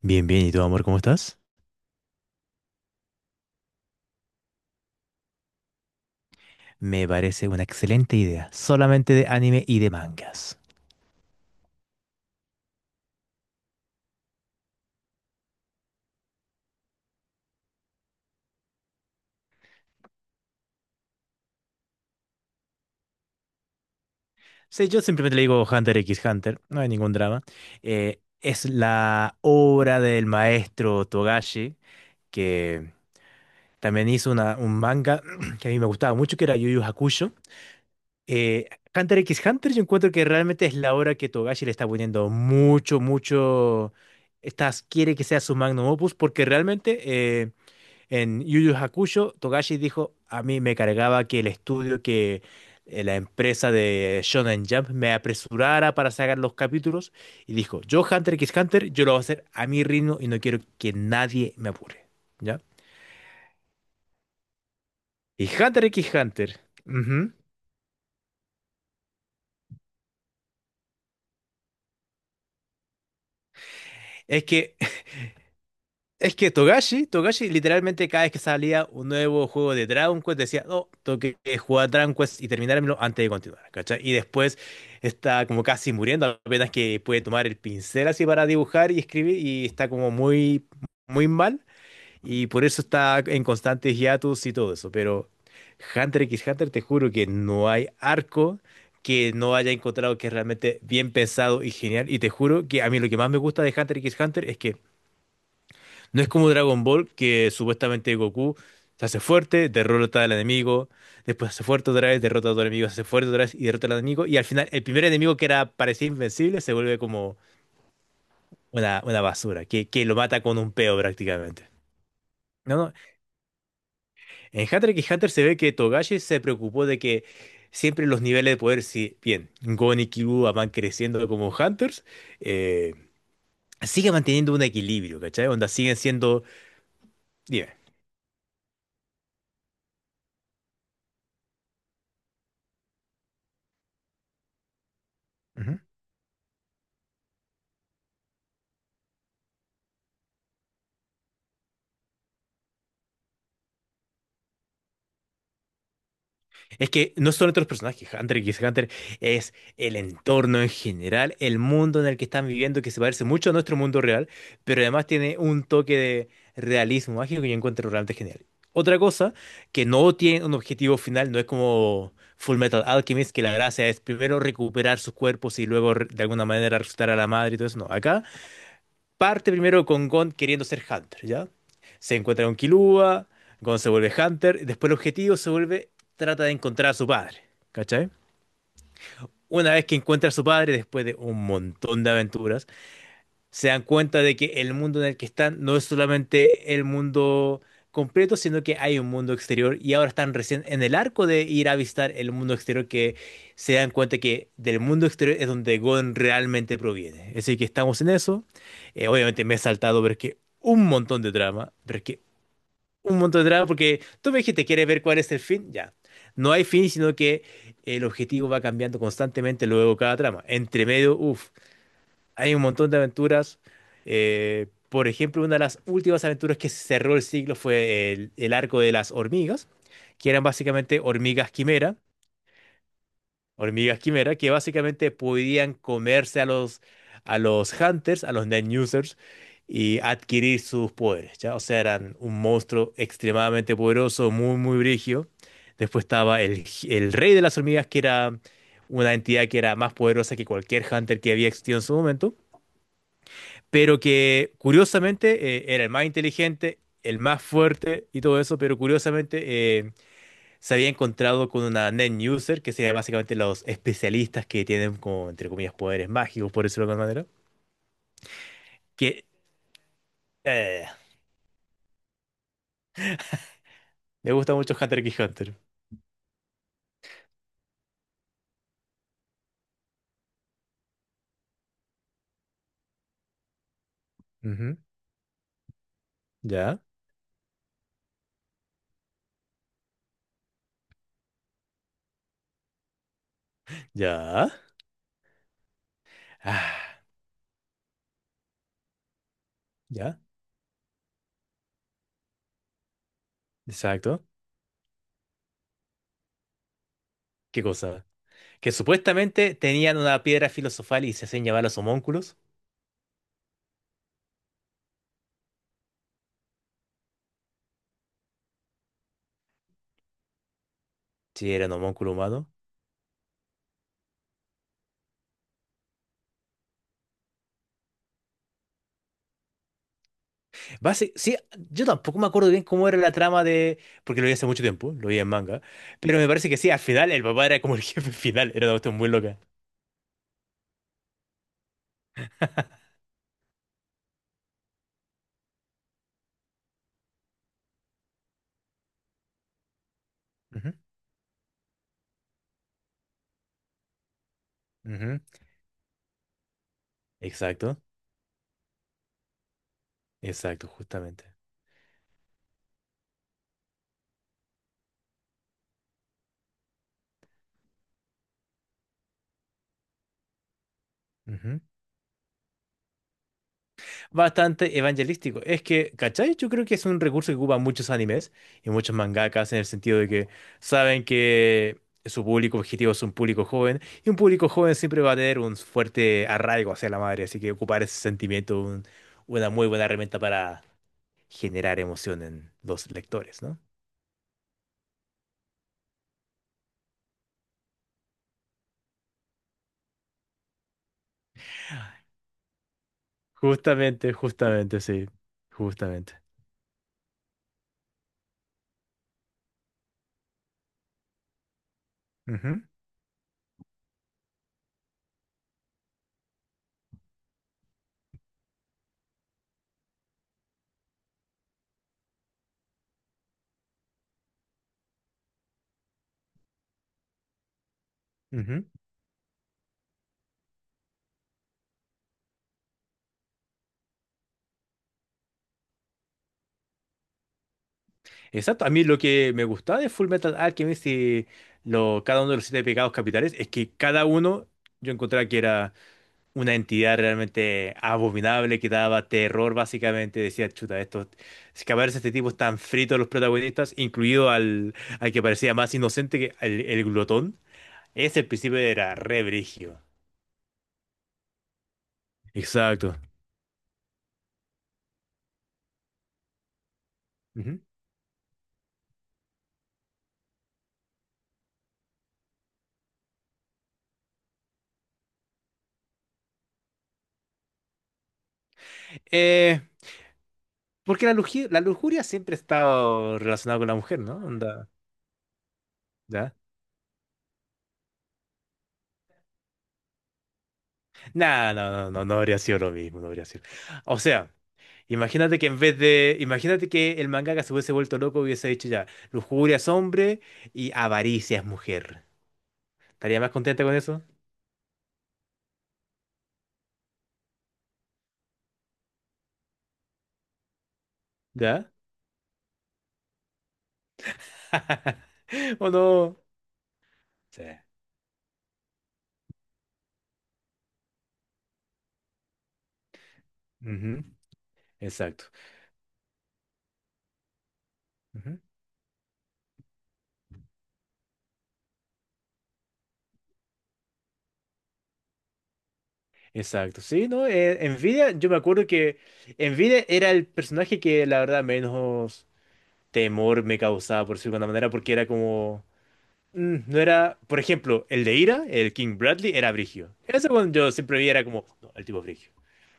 Bien, bien, ¿y tú, amor, cómo estás? Me parece una excelente idea, solamente de anime y de mangas. Sí, yo simplemente le digo Hunter x Hunter, no hay ningún drama. Es la obra del maestro Togashi, que también hizo un manga que a mí me gustaba mucho, que era Yu Yu Hakusho. Eh, Hunter x Hunter yo encuentro que realmente es la obra que Togashi le está poniendo mucho, mucho. Quiere que sea su magnum opus, porque realmente. eh, En Yu Yu Hakusho, Togashi dijo, a mí me cargaba que el estudio, que la empresa de Shonen Jump me apresurara para sacar los capítulos y dijo, yo Hunter x Hunter, yo lo voy a hacer a mi ritmo y no quiero que nadie me apure. ¿Ya? Y Hunter x Hunter, ujú, es que Es que Togashi, Togashi literalmente cada vez que salía un nuevo juego de Dragon Quest decía, no, tengo que jugar Dragon Quest y terminármelo antes de continuar, ¿cachai? Y después está como casi muriendo, apenas que puede tomar el pincel así para dibujar y escribir y está como muy, muy mal y por eso está en constantes hiatus y todo eso. Pero Hunter x Hunter, te juro que no hay arco que no haya encontrado que es realmente bien pensado y genial. Y te juro que a mí lo que más me gusta de Hunter x Hunter es que no es como Dragon Ball, que supuestamente Goku se hace fuerte, derrota al enemigo, después se hace fuerte otra vez, derrota a otro enemigo, se hace fuerte otra vez y derrota al enemigo. Y al final, el primer enemigo que era parecía invencible se vuelve como una basura, que lo mata con un peo prácticamente. No, no. En Hunter x Hunter se ve que Togashi se preocupó de que siempre los niveles de poder, si bien Gon y Killua van creciendo como Hunters, eh, sigue manteniendo un equilibrio, ¿cachai? Onda siguen siendo. Dime. Es que no solamente los personajes, Hunter x Hunter es el entorno en general, el mundo en el que están viviendo, que se parece mucho a nuestro mundo real, pero además tiene un toque de realismo mágico que yo encuentro realmente genial. Otra cosa que no tiene un objetivo final, no es como Full Metal Alchemist, que la gracia es primero recuperar sus cuerpos y luego de alguna manera resucitar a la madre y todo eso. No, acá parte primero con Gon queriendo ser Hunter, ¿ya? Se encuentra con Killua, Gon se vuelve Hunter, después el objetivo se vuelve, trata de encontrar a su padre, ¿cachai? Una vez que encuentra a su padre, después de un montón de aventuras, se dan cuenta de que el mundo en el que están no es solamente el mundo completo, sino que hay un mundo exterior y ahora están recién en el arco de ir a visitar el mundo exterior que se dan cuenta que del mundo exterior es donde Gon realmente proviene. Así que estamos en eso. Obviamente me he saltado, pero es que un montón de drama, porque tú me dijiste, ¿quieres ver cuál es el fin? Ya. No hay fin, sino que el objetivo va cambiando constantemente luego cada trama. Entre medio, uff. Hay un montón de aventuras. Por ejemplo, una de las últimas aventuras que cerró el siglo fue el arco de las hormigas, que eran básicamente hormigas quimera, que básicamente podían comerse a los hunters, a los net users, y adquirir sus poderes, ¿ya? O sea, eran un monstruo extremadamente poderoso, muy, muy brigio. Después estaba el rey de las hormigas, que era una entidad que era más poderosa que cualquier hunter que había existido en su momento, pero que curiosamente era el más inteligente, el más fuerte y todo eso, pero curiosamente se había encontrado con una net user, que sería básicamente los especialistas que tienen como, entre comillas, poderes mágicos, por decirlo de alguna manera, que eh, me gusta mucho Hunter x Hunter. Ujú, ya, ya, ah, ya, exacto. ¿Qué cosa? Que supuestamente tenían una piedra filosofal y se hacían llamar los homúnculos. Sí, eran homúnculos humanos. Sí, yo tampoco me acuerdo bien cómo era la trama de. Porque lo vi hace mucho tiempo, lo vi en manga. Pero me parece que sí, al final el papá era como el jefe final, era una cuestión muy loca. Ujú, ujú. Exacto, exacto, justamente. Ujú. Bastante evangelístico. Es que, ¿cachai? Yo creo que es un recurso que ocupan muchos animes y muchos mangakas en el sentido de que saben que su público objetivo es un público joven y un público joven siempre va a tener un fuerte arraigo hacia la madre, así que ocupar ese sentimiento, una muy buena herramienta para generar emoción en los lectores, no. Justamente, justamente, sí. Justamente. Ujú, ujú. Exacto. A mí lo que me gustaba de Full Metal Alchemist y cada uno de los siete pecados capitales es que cada uno yo encontraba que era una entidad realmente abominable que daba terror, básicamente. Decía, chuta, estos, si que aparece este tipo están fritos los protagonistas, incluido al que parecía más inocente que el glotón. Ese al principio era re brígido. Exacto. Eh, Porque la lujuria siempre ha estado relacionada con la mujer, ¿no? Onda, ¿ya? Nah, no, no, no, no habría sido lo mismo, no habría sido. O sea, imagínate que en vez de, imagínate que el mangaka se hubiese vuelto loco y hubiese dicho ya, lujuria es hombre y avaricia es mujer. ¿Estaría más contenta con eso? ¿Ya? ¿O no? Sí. Ujú, exacto. Ujú, exacto. Sí, ¿no? Nvidia, yo me acuerdo que Nvidia era el personaje que la verdad menos temor me causaba, por decirlo manera, porque era como. No era, por ejemplo, el de Ira, el King Bradley, era brigio. Eso cuando yo siempre vi era como, no, el tipo es brigio.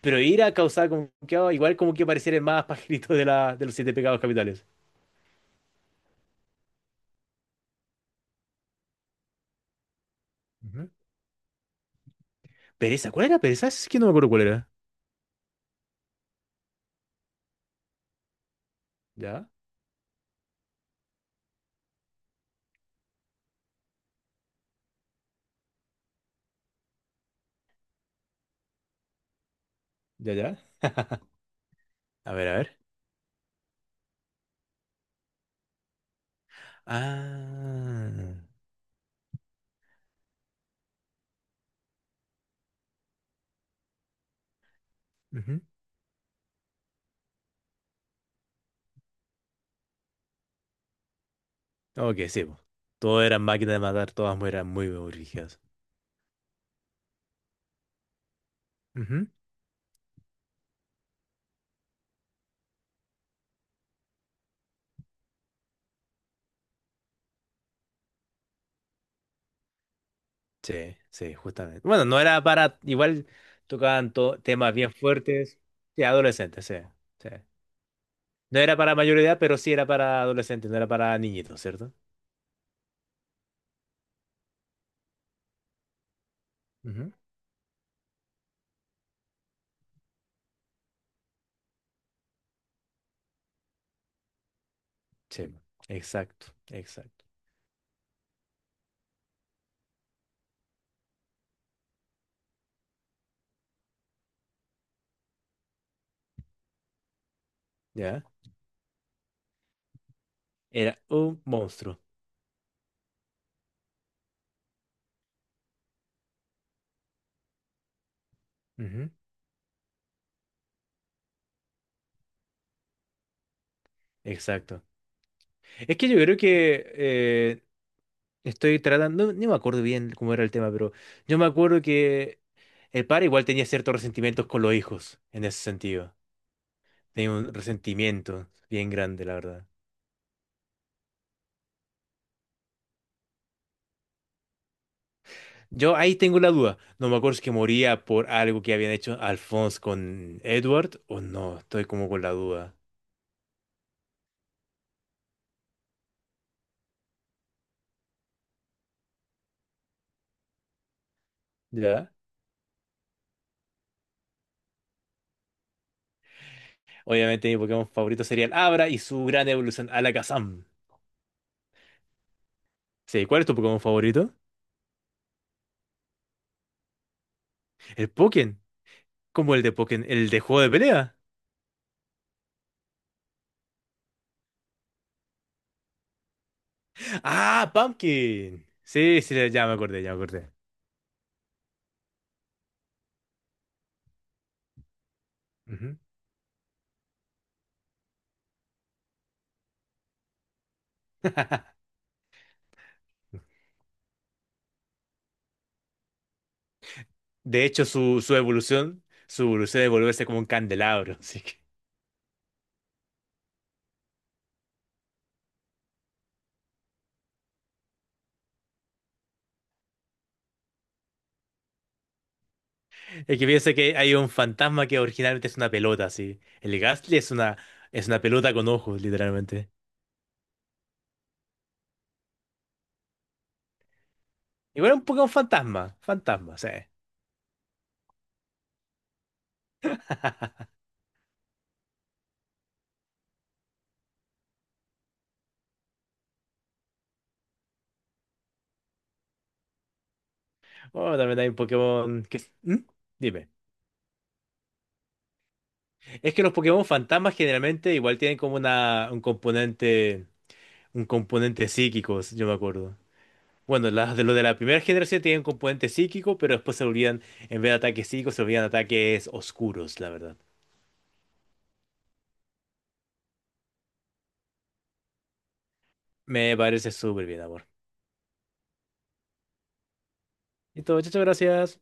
Pero Ira causaba como que, oh, igual como que pareciera el más pajarito de los siete pecados capitales. Ujú. Pereza, ¿cuál era pereza? Es que no me acuerdo cuál era. Ya, ya, ya. A ver, a ver. Ah. Ujú. Ok, sí. Po. Todo era máquina de matar, todas eran muy, muy rígidas. Sí, sí, justamente. Bueno, no era para, igual tocaban temas bien fuertes. Sí, adolescentes, sí, sí. No era para mayor edad, pero sí era para adolescentes, no era para niñitos, ¿cierto? Ujú. Sí, exacto, exacto. ¿Ya? Era un monstruo. Ujú, exacto. Es que yo creo que estoy tratando, no, me acuerdo bien cómo era el tema, pero yo me acuerdo que el padre igual tenía ciertos resentimientos con los hijos, en ese sentido. Tenía un resentimiento bien grande, la verdad. Yo ahí tengo la duda. No me acuerdo si es que moría por algo que habían hecho Alphonse con Edward o no. Estoy como con la duda. ¿Ya? Obviamente mi Pokémon favorito sería el Abra y su gran evolución Alakazam. Sí, ¿cuál es tu Pokémon favorito? El Pokken. ¿Cómo el de Pokken? ¿El de juego de pelea? ¡Ah, Pumpkin! Sí, sí, ya me acordé, ya me acordé. Ujú. De hecho, su evolución, su evolución de volverse como un candelabro. Sí. Es que piensa que hay un fantasma que originalmente es una pelota, sí. El Gastly es es una pelota con ojos, literalmente. Igual es un Pokémon fantasma, fantasma, sí. Bueno, también hay un Pokémon que. ¿Mm? Dime. Es que los Pokémon fantasmas generalmente igual tienen como un componente psíquico, si yo me acuerdo. Bueno, las de la primera generación tienen componente psíquico, pero después se olvidan, en vez de ataques psíquicos, se olvidan ataques oscuros, la verdad. Me parece súper bien, amor. Y todo, muchas gracias.